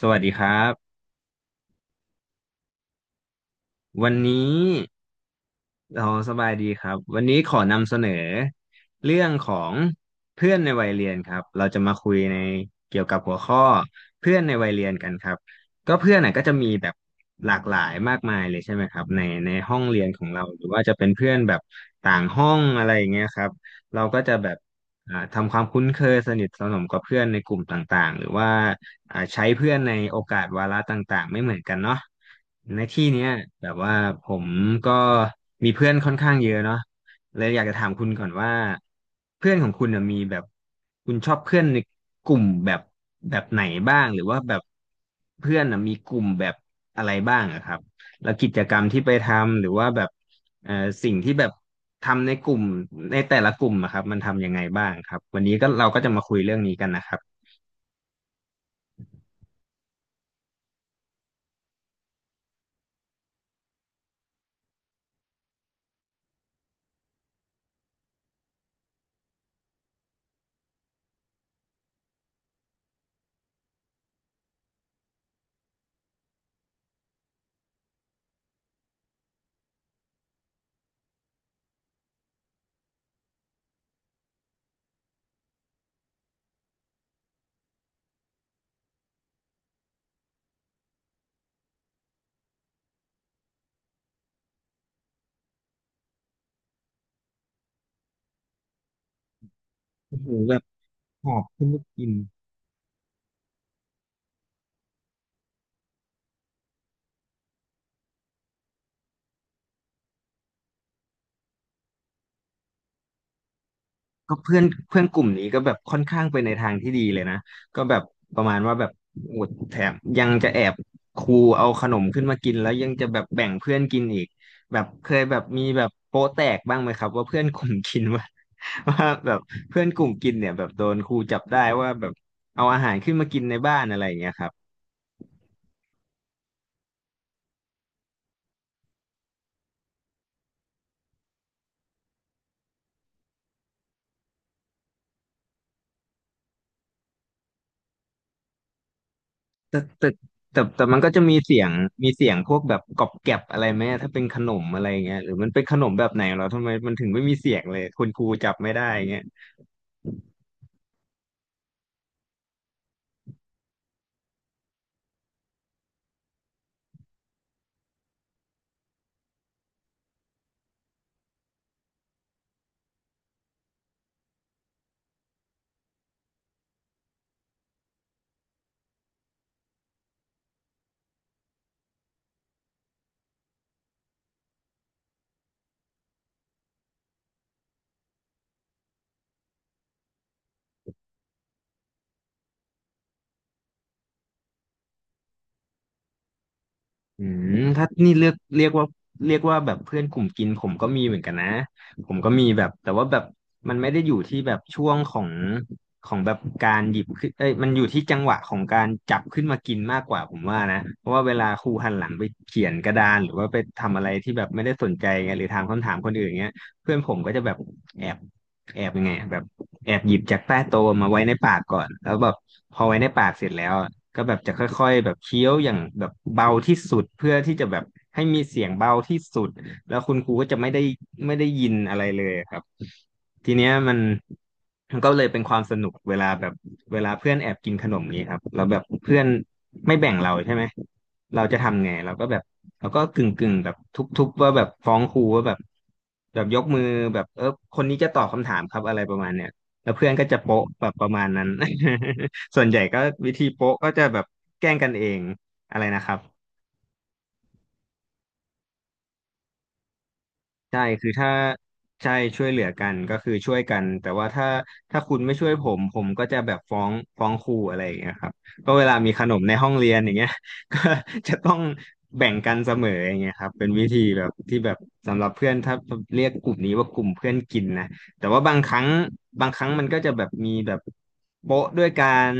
สวัสดีครับวันนี้เราสบายดีครับวันนี้ขอนำเสนอเรื่องของเพื่อนในวัยเรียนครับเราจะมาคุยในเกี่ยวกับหัวข้อเพื่อนในวัยเรียนกันครับก็เพื่อนน่ะก็จะมีแบบหลากหลายมากมายเลยใช่ไหมครับในห้องเรียนของเราหรือว่าจะเป็นเพื่อนแบบต่างห้องอะไรอย่างเงี้ยครับเราก็จะแบบทำความคุ้นเคยสนิทสนมกับเพื่อนในกลุ่มต่างๆหรือว่า ใช้เพื่อนในโอกาสวาระต่างๆไม่เหมือนกันเนาะในที่เนี้ยแบบว่าผมก็มีเพื่อนค่อนข้างเยอะเนาะเลยอยากจะถามคุณก่อนว่าเพื่อนของคุณน่ะมีแบบคุณชอบเพื่อนในกลุ่มแบบไหนบ้างหรือว่าแบบเพื่อนน่ะมีกลุ่มแบบอะไรบ้างอะครับแล้วกิจกรรมที่ไปทำหรือว่าแบบเอ่อสิ่งที่แบบทำในกลุ่มในแต่ละกลุ่มอะครับมันทำยังไงบ้างครับวันนี้ก็เราก็จะมาคุยเรื่องนี้กันนะครับโอ้โหแบบ หอบขึ้นไปกินก็เพื่อนเพื่อนกลุ่มนี้ก็แบบค่อนข้างไปในทางที่ดีเลยนะก็แบบประมาณว่าแบบโอดแถมยังจะแอบครูเอาขนมขึ้นมากินแล้วยังจะแบบแบ่งเพื่อนกินอีกแบบเคยแบบมีแบบโป๊ะแตกบ้างไหมครับว่าเพื่อนกลุ่มกินว่า ว่าแบบเพื่อนกลุ่มกินเนี่ยแบบโดนครูจับได้ว่าแบบเอาอาหารขึ้นมากินในบ้านอะไรอย่างเงี้ยครับ แต่แต่มันก็จะมีเสียงมีเสียงพวกแบบกรอบแกรบอะไรไหมถ้าเป็นขนมอะไรเงี้ยหรือมันเป็นขนมแบบไหนเหรอทำไมมันถึงไม่มีเสียงเลยคุณครูจับไม่ได้เงี้ย อืมถ้านี่เรียกว่าแบบเพื่อนกลุ่มกินผมก็มีเหมือนกันนะผมก็มีแบบแต่ว่าแบบมันไม่ได้อยู่ที่แบบช่วงของแบบการหยิบขึ้นเอ้ยมันอยู่ที่จังหวะของการจับขึ้นมากินมากกว่าผมว่านะเพราะว่าเวลาครูหันหลังไปเขียนกระดานหรือว่าไปทำอะไรที่แบบไม่ได้สนใจไงหรือถามคำถามคนอื่นเงี้ยเพื่อนผมก็จะแบบแอบยังไงอะแบบแอบหยิบจากใต้โต๊ะมาไว้ในปากก่อนแล้วแบบพอไว้ในปากเสร็จแล้ว ก็แบบจะค่อยๆแบบเคี้ยวอย่างแบบเบาที่สุดเพื่อที่จะแบบให้มีเสียงเบาที่สุดแล้วคุณครูก็จะไม่ได้ยินอะไรเลยครับทีเนี้ยมันก็เลยเป็นความสนุกเวลาแบบเวลาเพื่อนแอบกินขนมนี้ครับแล้วแบบเพื่อนไม่แบ่งเราใช่ไหมเราจะทำไงเราก็แบบเราก็กึ่งแบบทุบๆว่าแบบฟ้องครูว่าแบบแบบยกมือแบบเออคนนี้จะตอบคำถามครับอะไรประมาณเนี้ยแล้วเพื่อนก็จะโป๊ะแบบประมาณนั้น ส่วนใหญ่ก็วิธีโป๊ะก็จะแบบแกล้งกันเองอะไรนะครับใช่คือถ้าใช่ช่วยเหลือกันก็คือช่วยกันแต่ว่าถ้าคุณไม่ช่วยผมผมก็จะแบบฟ้องครูอะไรอย่างเงี้ยครับก็เวลามีขนมในห้องเรียนอย่างเงี้ย ก็จะต้องแบ่งกันเสมออย่างเงี้ยครับเป็นวิธีแบบที่แบบสำหรับเพื่อนถ้าเรียกกลุ่มนี้ว่ากลุ่มเพื่อนกินนะแต่ว่าบางครั้งมันก็จะแบบมีแบบโป๊ะด้วยการ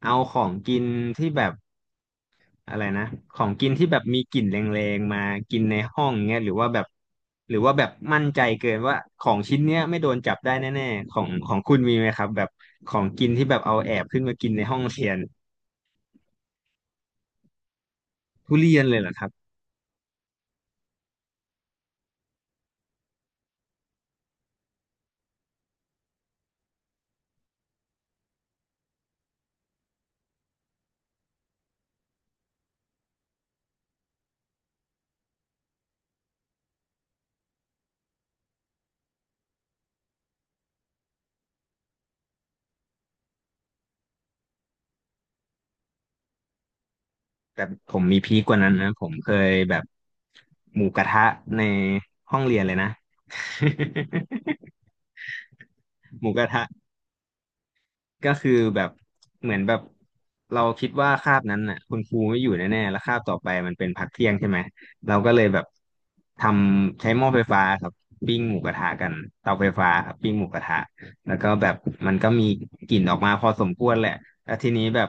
เอาของกินที่แบบ อะไรนะของกินที่แบบมีกลิ่นแรงๆมากินในห้องเงี้ยหรือว่าแบบมั่นใจเกินว่าของชิ้นเนี้ยไม่โดนจับได้แน่ๆของของคุณมีไหมครับแบบของกินที่แบบเอาแอบขึ้นมากินในห้องเรียนทุเรียนเลยเหรอครับแต่ผมมีพีคกว่านั้นนะผมเคยแบบหมูกระทะในห้องเรียนเลยนะ หมูกระทะ ก็คือแบบเหมือนแบบเราคิดว่าคาบนั้นน่ะคุณครูไม่อยู่แน่ๆแล้วคาบต่อไปมันเป็นพักเที่ยงใช่ไหมเราก็เลยแบบทำใช้หม้อไฟฟ้าครับปิ้งหมูกระทะกันเตาไฟฟ้าครับปิ้งหมูกระทะแล้วก็แบบมันก็มีกลิ่นออกมาพอสมควรแหละแล้วทีนี้แบบ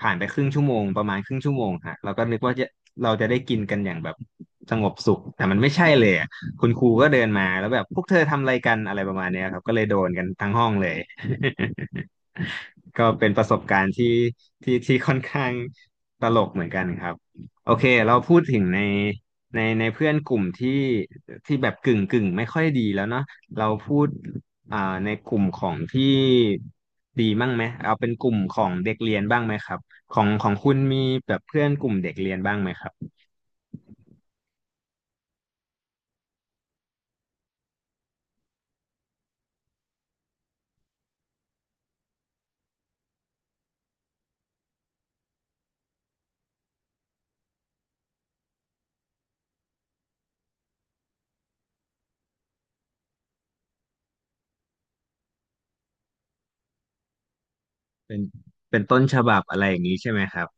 ผ่านไปครึ่งชั่วโมงประมาณครึ่งชั่วโมงฮะเราก็นึกว่าจะเราจะได้กินกันอย่างแบบสงบสุขแต่มันไม่ใช่เลยอะคุณครูก็เดินมาแล้วแบบพวกเธอทำอะไรกันอะไรประมาณเนี้ยครับก็เลยโดนกันทั้งห้องเลย ก็เป็นประสบการณ์ที่ค่อนข้างตลกเหมือนกันครับโอเคเราพูดถึงในเพื่อนกลุ่มที่แบบกึ่งไม่ค่อยดีแล้วเนาะเราพูดอ่าในกลุ่มของที่ดีบ้างไหมเอาเป็นกลุ่มของเด็กเรียนบ้างไหมครับของคุณมีแบบเพื่อนกลุ่มเด็กเรียนบ้างไหมครับเป็นเป็นต้นฉบับอะไรอย่างนี้ใช่ไหมครับ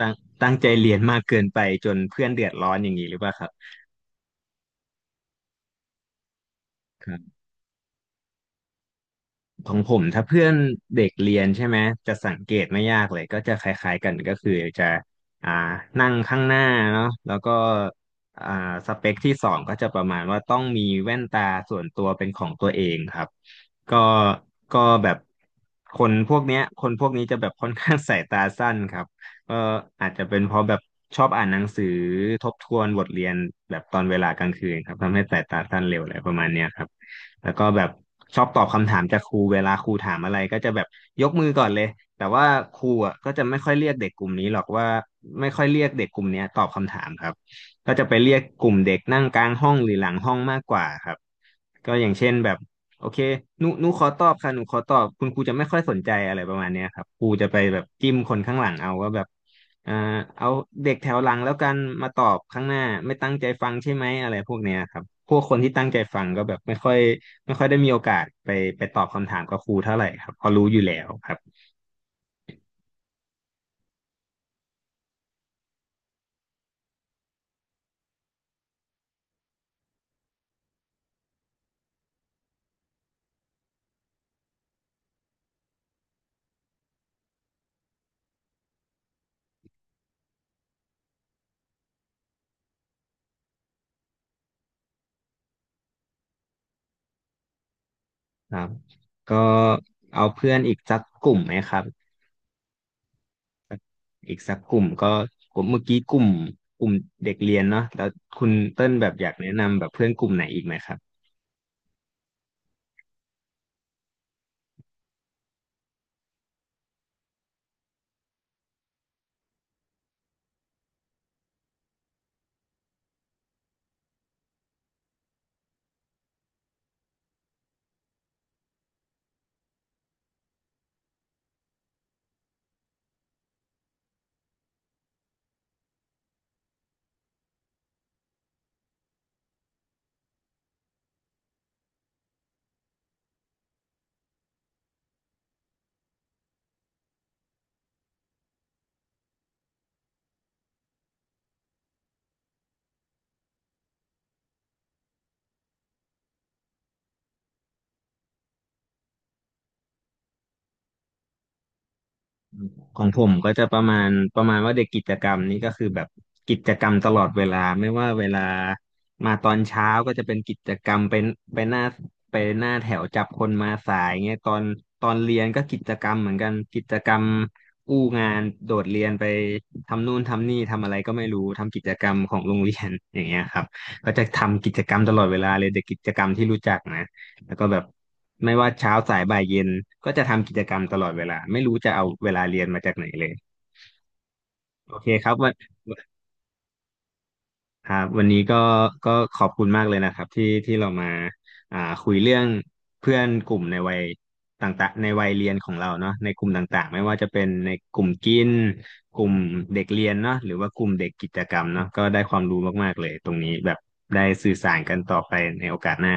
ตั้งตั้งใจเรียนมากเกินไปจนเพื่อนเดือดร้อนอย่างนี้หรือเปล่าครับ ของผมถ้าเพื่อนเด็กเรียนใช่ไหมจะสังเกตไม่ยากเลยก็จะคล้ายๆกันก็คือจะอ่านั่งข้างหน้าเนาะแล้วก็อ่าสเปคที่สองก็จะประมาณว่าต้องมีแว่นตาส่วนตัวเป็นของตัวเองครับก็ก็แบบคนพวกเนี้ยคนพวกนี้จะแบบค่อนข้าง สายตาสั้นครับก็อาจจะเป็นเพราะแบบชอบอ่านหนังสือทบทวนบทเรียนแบบตอนเวลากลางคืนครับทำให้สายตาสั้นเร็วอะไรประมาณเนี้ยครับ แล้วก็แบบชอบตอบคำถามจากครูเวลาครูถามอะไรก็จะแบบยกมือก่อนเลยแต่ว่าครูอ่ะก็จะไม่ค่อยเรียกเด็กกลุ่มนี้หรอกว่าไม่ค่อยเรียกเด็กกลุ่มเนี้ยตอบคำถามครับก็จะไปเรียกกลุ่มเด็กนั่งกลางห้องหรือหลังห้องมากกว่าครับก็อย่างเช่นแบบโอเคหนูขอตอบค่ะหนูขอตอบคุณครูจะไม่ค่อยสนใจอะไรประมาณเนี้ยครับครูจะไปแบบจิ้มคนข้างหลังเอาว่าแบบเอ่อเอาเด็กแถวหลังแล้วกันมาตอบข้างหน้าไม่ตั้งใจฟังใช่ไหมอะไรพวกเนี้ยครับพวกคนที่ตั้งใจฟังก็แบบไม่ค่อยได้มีโอกาสไปตอบคำถามกับครูเท่าไหร่ครับเพอรู้อยู่แล้วครับครับก็เอาเพื่อนอีกสักกลุ่มไหมครับอีกสักกลุ่มก็กลุ่มเมื่อกี้กลุ่มกลุ่มเด็กเรียนเนาะแล้วคุณเติ้ลแบบอยากแนะนำแบบเพื่อนกลุ่มไหนอีกไหมครับ ของผมก็จะประมาณว่าเด็กกิจกรรมนี่ก็คือแบบกิจกรรมตลอดเวลาไม่ว่าเวลามาตอนเช้าก็จะเป็นกิจกรรมเป็นไปหน้าไปหน้าแถวจับคนมาสายเงี้ยตอนเรียนก็กิจกรรมเหมือนกันกิจกรรมอู้งานโดดเรียนไปทำนู่นทำนี่ทำอะไรก็ไม่รู้ทำกิจกรรมของโรงเรียนอย่างเงี้ยครับก็จะทำกิจกรรมตลอดเวลาเลยเด็กกิจกรรมที่รู้จักนะ แล้วก็แบบไม่ว่าเช้าสายบ่ายเย็นก็จะทำกิจกรรมตลอดเวลาไม่รู้จะเอาเวลาเรียนมาจากไหนเลยโอเคครับวันครับวันนี้ก็ขอบคุณมากเลยนะครับที่เรามาอ่าคุยเรื่องเพื่อนกลุ่มในวัยต่างๆในวัยเรียนของเราเนาะในกลุ่มต่างๆไม่ว่าจะเป็นในกลุ่มกินกลุ่มเด็กเรียนเนาะหรือว่ากลุ่มเด็กกิจกรรมเนาะก็ได้ความรู้มากๆเลยตรงนี้แบบได้สื่อสารกันต่อไปในโอกาสหน้า